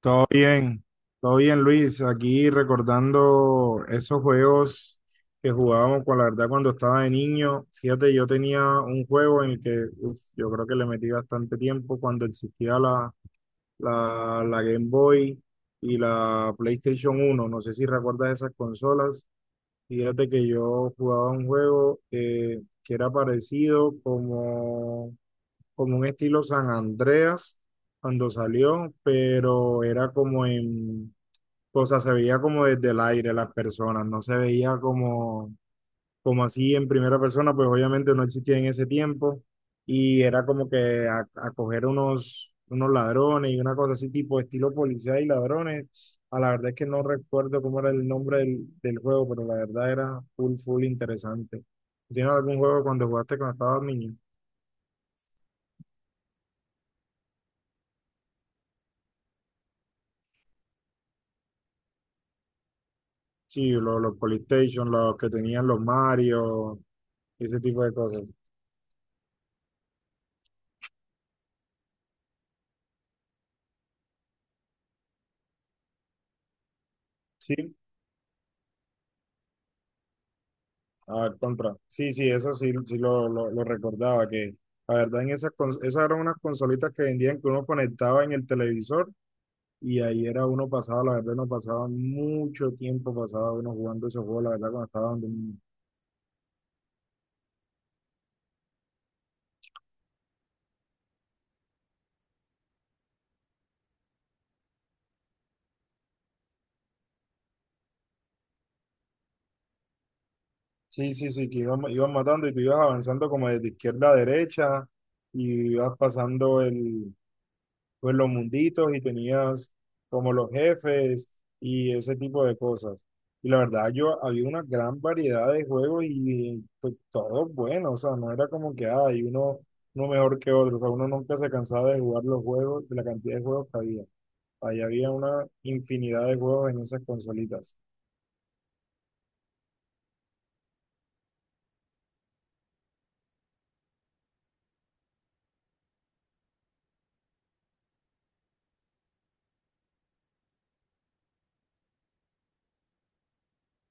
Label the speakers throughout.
Speaker 1: Todo bien, todo bien Luis, aquí recordando esos juegos que jugábamos con la verdad cuando estaba de niño. Fíjate, yo tenía un juego en el que uf, yo creo que le metí bastante tiempo cuando existía la Game Boy y la PlayStation 1. No sé si recuerdas esas consolas. Fíjate que yo jugaba un juego que era parecido como un estilo San Andreas cuando salió, pero era como o sea, se veía como desde el aire las personas, no se veía como así en primera persona, pues obviamente no existía en ese tiempo y era como que a coger unos ladrones y una cosa así tipo estilo policía y ladrones. A la verdad es que no recuerdo cómo era el nombre del juego, pero la verdad era full, full interesante. ¿Tienes algún juego cuando jugaste cuando estabas niño? Sí, los PlayStation los que tenían los Mario, ese tipo de cosas. Sí, a ver, contra. Sí, sí, eso sí, sí lo, lo recordaba, que la verdad en esas eran unas consolitas que vendían que uno conectaba en el televisor y ahí era uno pasaba, la verdad, no pasaba mucho tiempo, pasaba uno jugando esos juegos, la verdad, cuando estaba donde. Sí, sí, sí, que iban matando y tú ibas avanzando como desde izquierda a derecha y ibas pasando pues los munditos y tenías como los jefes y ese tipo de cosas. Y la verdad, yo había una gran variedad de juegos y pues, todos buenos, o sea, no era como que ah, hay uno mejor que otro, o sea, uno nunca se cansaba de jugar los juegos, de la cantidad de juegos que había. Ahí había una infinidad de juegos en esas consolitas.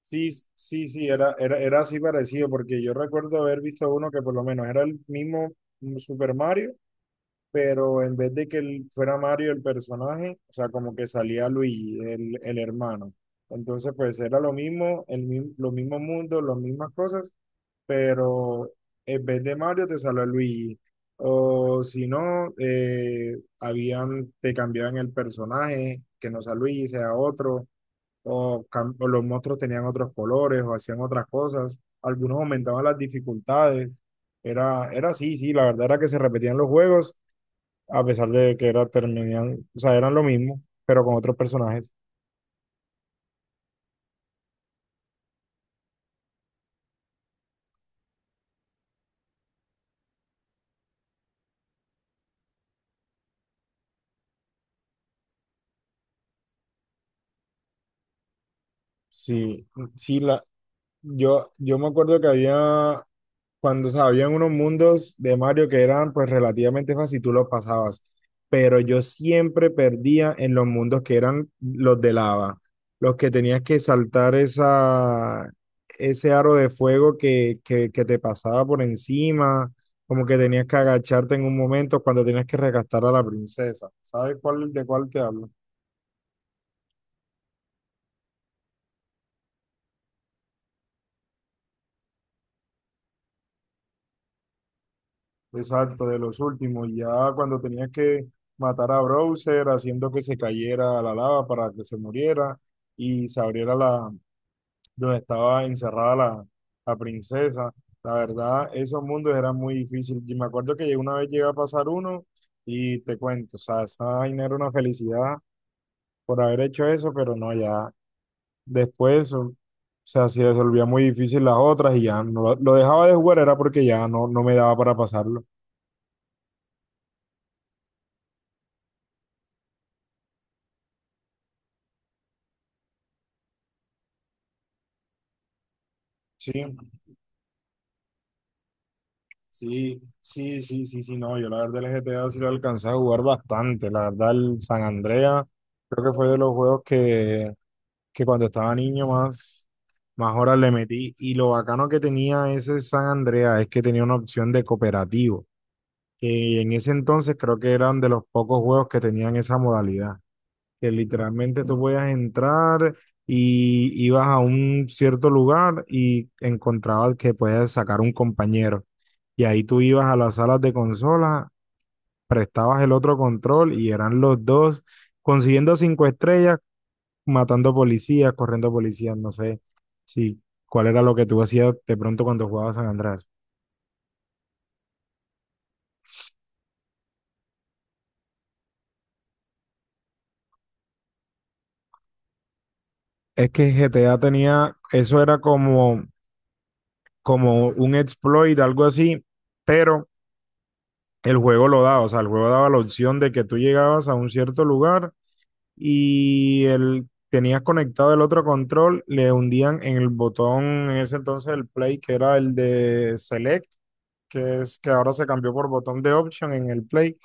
Speaker 1: Sí, sí, sí, era así parecido, porque yo recuerdo haber visto uno que por lo menos era el mismo Super Mario, pero en vez de que él fuera Mario el personaje, o sea, como que salía Luigi, el hermano. Entonces, pues era lo mismo, los mismos mundos, las mismas cosas, pero en vez de Mario te salió Luigi. O si no, te cambiaban el personaje, que no sea Luigi, sea otro, o los monstruos tenían otros colores o hacían otras cosas. Algunos aumentaban las dificultades. Era así, sí, la verdad era que se repetían los juegos a pesar de que terminan, o sea, eran lo mismo, pero con otros personajes. Sí, sí, yo me acuerdo que había cuando sabían unos mundos de Mario que eran pues relativamente fácil, tú los pasabas, pero yo siempre perdía en los mundos que eran los de lava, los que tenías que saltar ese aro de fuego que te pasaba por encima, como que tenías que agacharte en un momento cuando tenías que rescatar a la princesa. ¿Sabes de cuál te hablo? Exacto, de los últimos, ya cuando tenía que matar a Browser haciendo que se cayera a la lava para que se muriera y se abriera la donde estaba encerrada la princesa. La verdad, esos mundos eran muy difíciles. Y me acuerdo que una vez llegué a pasar uno y te cuento, o sea, esa vaina era una felicidad por haber hecho eso, pero no, ya después, o sea, se volvía muy difícil las otras y ya no lo dejaba de jugar era porque ya no me daba para pasarlo. Sí. Sí, sí, sí, sí, sí, no, yo la verdad el GTA sí lo alcancé a jugar bastante, la verdad el San Andrea creo que fue de los juegos que cuando estaba niño más horas le metí, y lo bacano que tenía ese San Andrea es que tenía una opción de cooperativo, que en ese entonces creo que eran de los pocos juegos que tenían esa modalidad, que literalmente tú podías entrar y ibas a un cierto lugar y encontrabas que podías sacar un compañero. Y ahí tú ibas a las salas de consola, prestabas el otro control y eran los dos consiguiendo cinco estrellas, matando policías, corriendo policías, no sé si cuál era lo que tú hacías de pronto cuando jugabas San Andrés. Es que GTA tenía, eso era como un exploit, algo así, pero el juego lo daba, o sea, el juego daba la opción de que tú llegabas a un cierto lugar y tenías conectado el otro control, le hundían en el botón, en ese entonces el play, que era el de select, que es que ahora se cambió por botón de option en el play,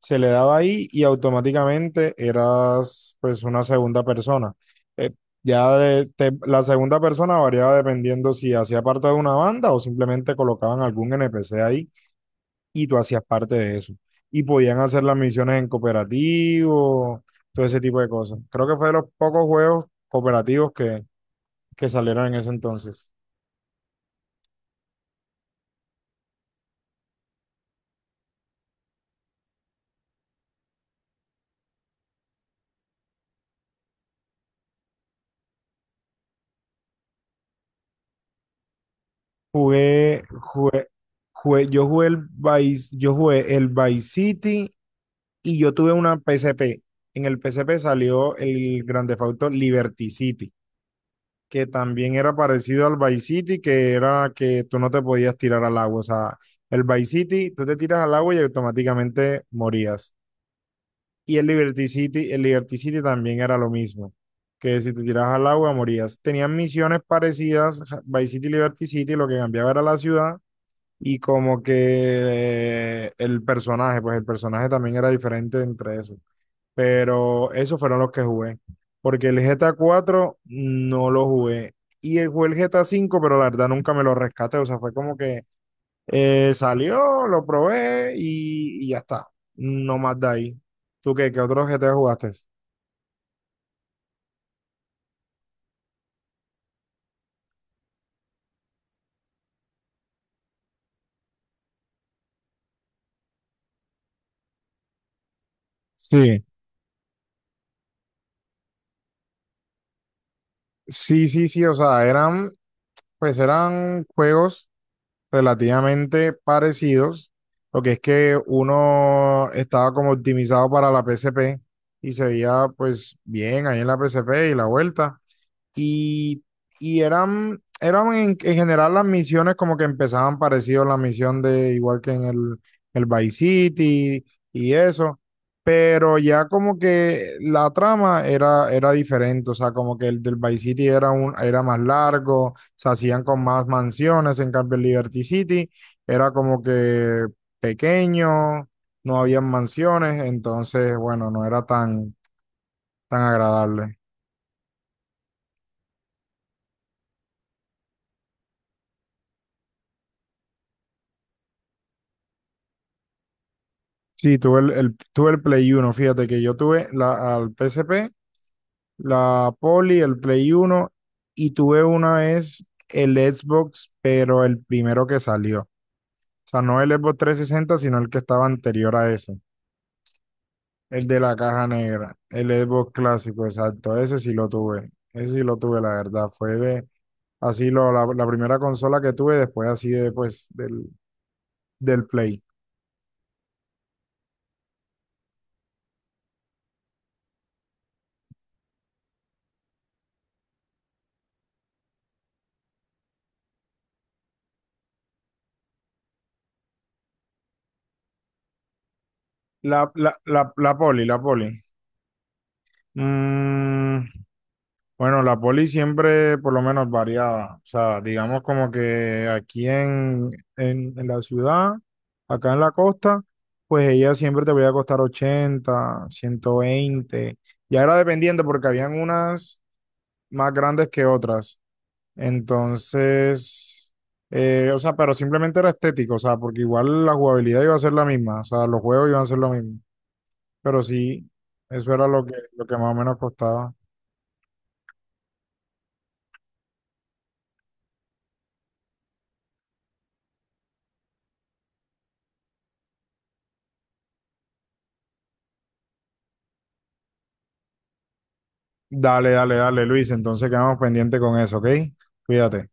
Speaker 1: se le daba ahí y automáticamente eras pues una segunda persona. Eh, la segunda persona variaba dependiendo si hacía parte de una banda o simplemente colocaban algún NPC ahí y tú hacías parte de eso. Y podían hacer las misiones en cooperativo, todo ese tipo de cosas. Creo que fue de los pocos juegos cooperativos que salieron en ese entonces. Jugué, jugué, jugué- yo jugué el Vice, yo jugué el Vice City y yo tuve una PSP. En el PSP salió el Grand Theft Auto Liberty City, que también era parecido al Vice City, que era que tú no te podías tirar al agua. O sea, el Vice City, tú te tiras al agua y automáticamente morías. Y el Liberty City también era lo mismo, que si te tiras al agua morías. Tenían misiones parecidas, Vice City y Liberty City, lo que cambiaba era la ciudad y como que el personaje, pues el personaje también era diferente entre esos. Pero esos fueron los que jugué, porque el GTA 4 no lo jugué. Y jugué el GTA 5, pero la verdad nunca me lo rescaté, o sea, fue como que salió, lo probé y ya está. No más de ahí. ¿Tú qué? ¿Qué otros GTA jugaste? Sí, sí, sí, sí, o sea, eran, pues eran juegos relativamente parecidos, lo que es que uno estaba como optimizado para la PSP y se veía pues bien ahí en la PSP y la vuelta. Y, y eran en general las misiones como que empezaban parecido a la misión de igual que en el Vice City y eso, pero ya como que la trama era diferente, o sea, como que el del Vice City era más largo, se hacían con más mansiones, en cambio el Liberty City era como que pequeño, no habían mansiones, entonces, bueno, no era tan, tan agradable. Sí, tuve el Play 1. Fíjate que yo tuve al PSP, la poly, el Play 1 y tuve una vez el Xbox, pero el primero que salió. O sea, no el Xbox 360, sino el que estaba anterior a ese, el de la caja negra, el Xbox clásico, exacto, ese sí lo tuve, ese sí lo tuve, la verdad, fue de, así lo, la primera consola que tuve después así de, pues, del Play. La poly. Mm, Bueno, la poli siempre por lo menos variaba. O sea, digamos como que aquí en la ciudad, acá en la costa, pues ella siempre te voy a costar 80, 120. Ya era dependiendo porque habían unas más grandes que otras. Entonces, o sea, pero simplemente era estético, o sea, porque igual la jugabilidad iba a ser la misma, o sea, los juegos iban a ser lo mismo. Pero sí, eso era lo que más o menos costaba. Dale, dale, dale, Luis. Entonces quedamos pendientes con eso, ¿ok? Cuídate.